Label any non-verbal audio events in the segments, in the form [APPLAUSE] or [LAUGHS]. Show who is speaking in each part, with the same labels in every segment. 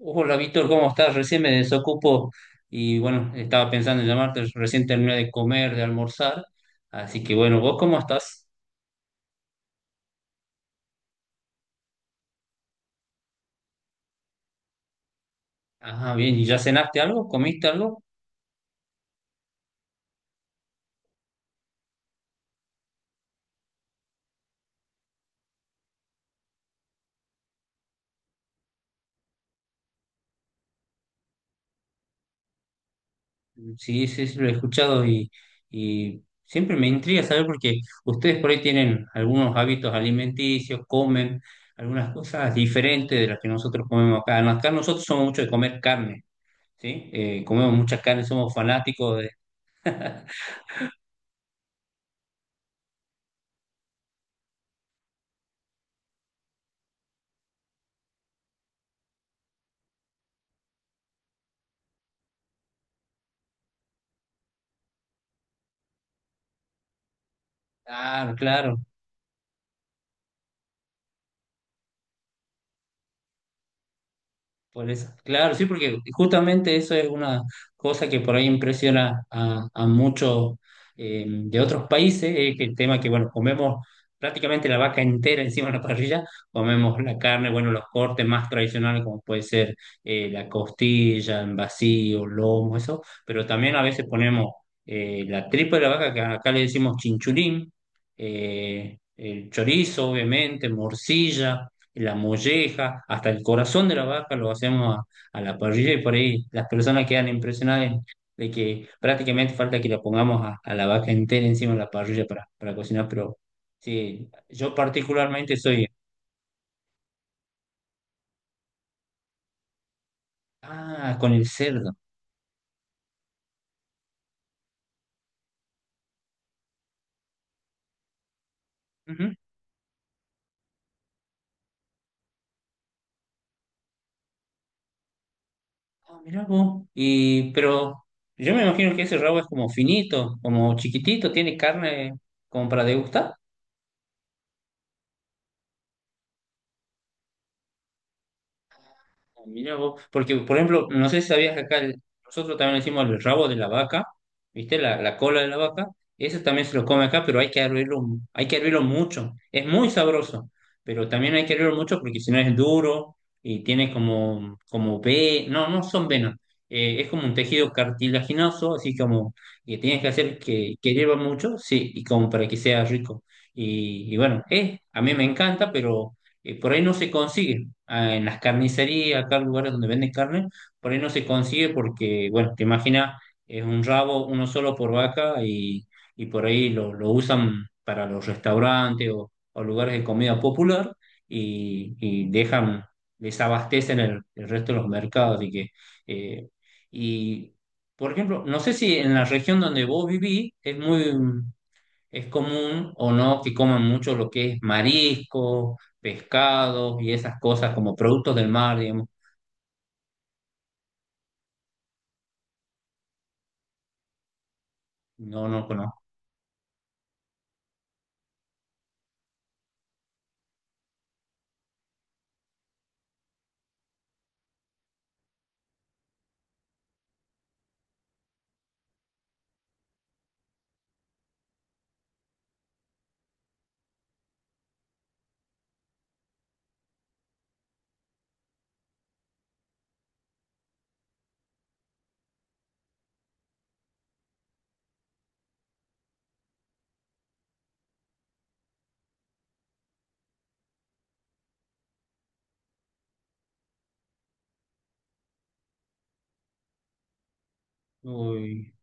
Speaker 1: Hola Víctor, ¿cómo estás? Recién me desocupo y bueno, estaba pensando en llamarte, recién terminé de comer, de almorzar, así que bueno, ¿vos cómo estás? Ah, bien, ¿y ya cenaste algo? ¿Comiste algo? Sí, sí, sí, lo he escuchado y siempre me intriga saber porque ustedes por ahí tienen algunos hábitos alimenticios, comen algunas cosas diferentes de las que nosotros comemos acá. No, acá nosotros somos mucho de comer carne, ¿sí? Comemos mucha carne, somos fanáticos de... Ah, claro. Por eso, claro, sí, porque justamente eso es una cosa que por ahí impresiona a muchos de otros países, es que el tema que, bueno, comemos prácticamente la vaca entera [LAUGHS] encima de la parrilla, comemos la carne, bueno, los cortes más tradicionales como puede ser la costilla, en vacío, lomo, eso, pero también a veces ponemos la tripa de la vaca, que acá le decimos chinchulín, el chorizo, obviamente, morcilla, la molleja, hasta el corazón de la vaca lo hacemos a la parrilla y por ahí las personas quedan impresionadas de que prácticamente falta que la pongamos a la vaca entera encima de la parrilla para cocinar, pero sí, yo particularmente soy, ah, con el cerdo. Ujú. Ah, mirá vos. Y, pero yo me imagino que ese rabo es como finito, como chiquitito, tiene carne como para degustar. Mira vos, porque por ejemplo, no sé si sabías que acá nosotros también le decimos el rabo de la vaca, ¿viste? La cola de la vaca, eso también se lo come acá, pero hay que hervirlo, hay que hervirlo mucho. Es muy sabroso, pero también hay que hervirlo mucho porque si no es duro y tiene como, como ve, no, no son venas, es como un tejido cartilaginoso, así como que tienes que hacer que hierva mucho, sí, y como para que sea rico. Y bueno, a mí me encanta, pero por ahí no se consigue. Ah, en las carnicerías, acá en lugares donde venden carne, por ahí no se consigue porque, bueno, te imaginas, es un rabo, uno solo por vaca y por ahí lo usan para los restaurantes o lugares de comida popular y dejan, desabastecen el resto de los mercados. Así que, eh, y, por ejemplo, no sé si en la región donde vos vivís es muy, es común o no que coman mucho lo que es mariscos, pescados y esas cosas como productos del mar, digamos. No, no conozco. Uy,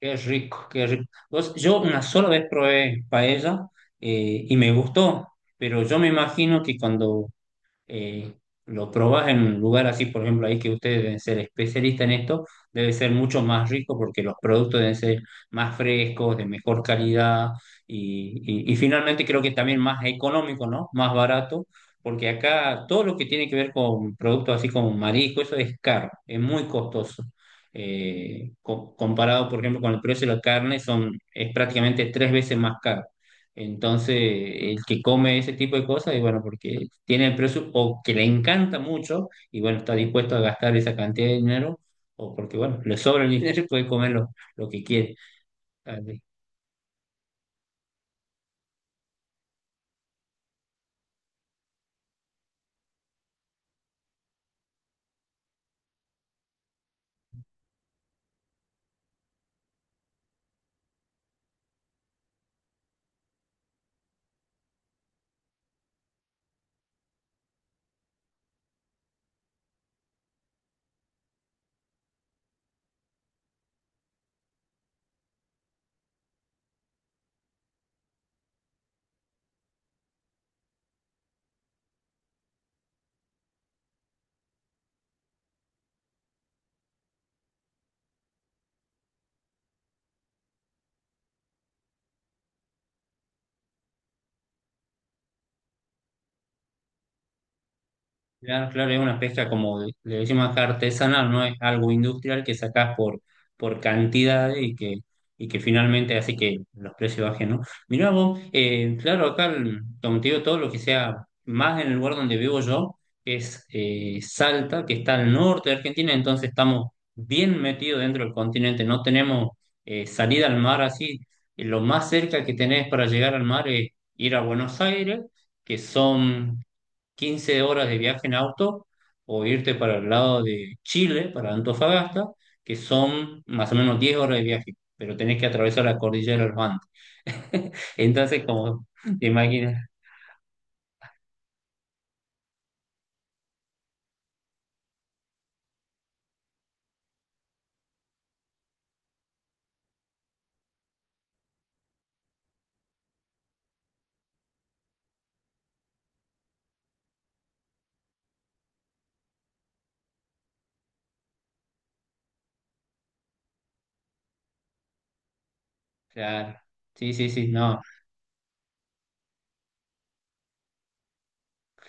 Speaker 1: qué rico, qué rico. Vos, yo una sola vez probé paella y me gustó, pero yo me imagino que cuando eh, lo probás en un lugar así, por ejemplo, ahí que ustedes deben ser especialistas en esto, debe ser mucho más rico porque los productos deben ser más frescos, de mejor calidad y finalmente creo que también más económico, ¿no? Más barato, porque acá todo lo que tiene que ver con productos así como marisco, eso es caro, es muy costoso. Comparado, por ejemplo, con el precio de la carne, son, es prácticamente 3 veces más caro. Entonces, el que come ese tipo de cosas, y bueno, porque tiene el presupuesto, o que le encanta mucho, y bueno, está dispuesto a gastar esa cantidad de dinero, o porque, bueno, le sobra el dinero y puede comer lo que quiere. Claro, claro, es una pesca como le decimos acá artesanal, no es algo industrial que sacás por cantidad y que finalmente hace que los precios bajen, ¿no? Mirá vos, claro, acá, como te digo, todo lo que sea más en el lugar donde vivo yo es Salta, que está al norte de Argentina, entonces estamos bien metidos dentro del continente, no tenemos salida al mar así. Lo más cerca que tenés para llegar al mar es ir a Buenos Aires que son 15 horas de viaje en auto o irte para el lado de Chile, para Antofagasta, que son más o menos 10 horas de viaje, pero tenés que atravesar la cordillera de los Andes. [LAUGHS] Entonces, como te imaginas, claro, sí, sí, sí, no.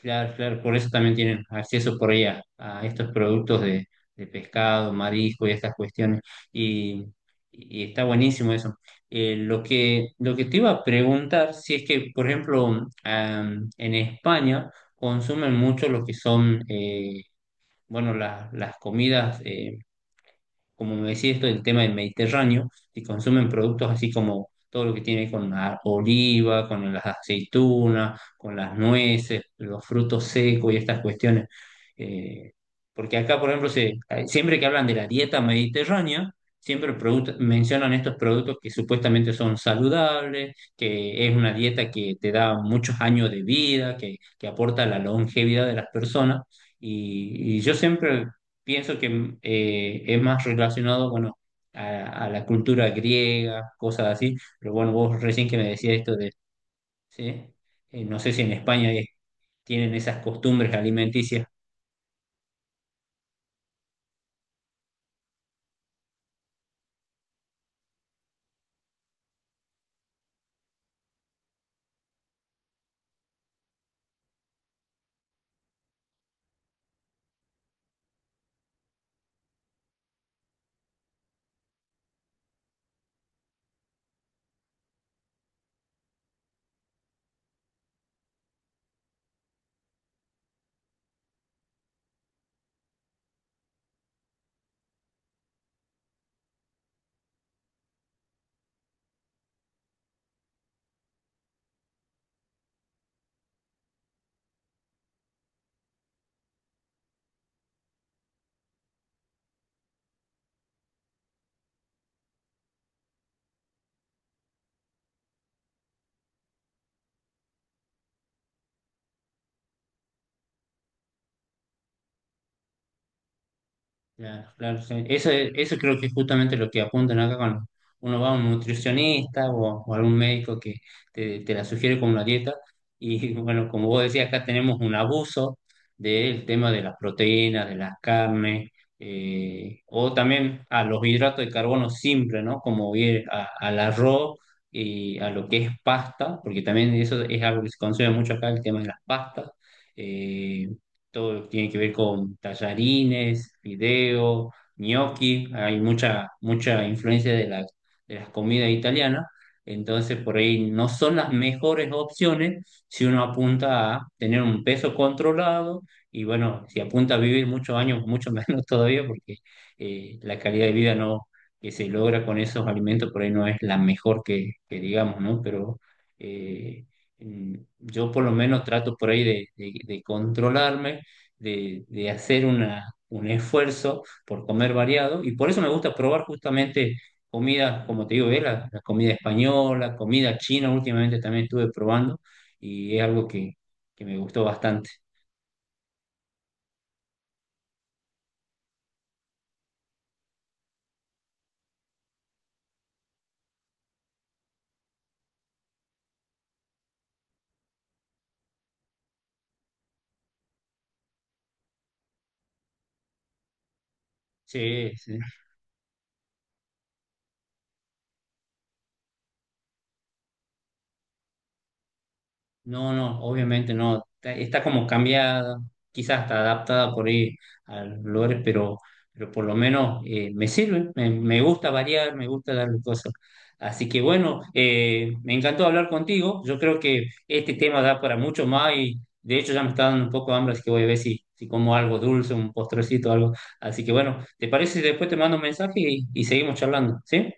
Speaker 1: Claro, claro, por eso también tienen acceso por ahí a estos productos de pescado, marisco y estas cuestiones. Y, y está buenísimo eso. Lo que te iba a preguntar, si es que, por ejemplo, am, en España consumen mucho lo que son, bueno, las comidas. Como me decía esto del tema del Mediterráneo, que consumen productos así como todo lo que tiene con la oliva, con las aceitunas, con las nueces, los frutos secos y estas cuestiones. Eh, porque acá, por ejemplo, se, siempre que hablan de la dieta mediterránea, siempre mencionan estos productos que supuestamente son saludables, que es una dieta que te da muchos años de vida, que aporta la longevidad de las personas. Y yo siempre pienso que es más relacionado, bueno, a la cultura griega, cosas así, pero bueno, vos recién que me decías esto de, ¿sí? No sé si en España tienen esas costumbres alimenticias. Claro, claro, sí. Eso, eso creo que es justamente lo que apuntan acá cuando uno va a un nutricionista o algún médico que te la sugiere como una dieta. Y [LAUGHS] bueno, como vos decías, acá tenemos un abuso del tema de las proteínas, de las carnes, o también a los hidratos de carbono simples, ¿no? Como bien al arroz y a lo que es pasta, porque también eso es algo que se consume mucho acá, el tema de las pastas. Eh, todo lo que tiene que ver con tallarines, fideo, gnocchi, hay mucha, mucha influencia de las comidas italianas, entonces por ahí no son las mejores opciones si uno apunta a tener un peso controlado y bueno, si apunta a vivir muchos años, mucho [LAUGHS] menos todavía porque la calidad de vida no, que se logra con esos alimentos por ahí no es la mejor que digamos, ¿no? Pero... eh, mm, yo por lo menos trato por ahí de controlarme, de hacer una, un esfuerzo por comer variado y por eso me gusta probar justamente comida, como te digo, la comida española, comida china, últimamente también estuve probando y es algo que me gustó bastante. Sí, sí. No, no, obviamente no. Está, está como cambiada, quizás está adaptada por ahí a los lugares, pero por lo menos me sirve, me gusta variar, me gusta darle cosas. Así que bueno, me encantó hablar contigo. Yo creo que este tema da para mucho más y de hecho ya me está dando un poco de hambre, así que voy a ver si, si como algo dulce, un postrecito, algo. Así que bueno, ¿te parece si después te mando un mensaje y seguimos charlando? ¿Sí?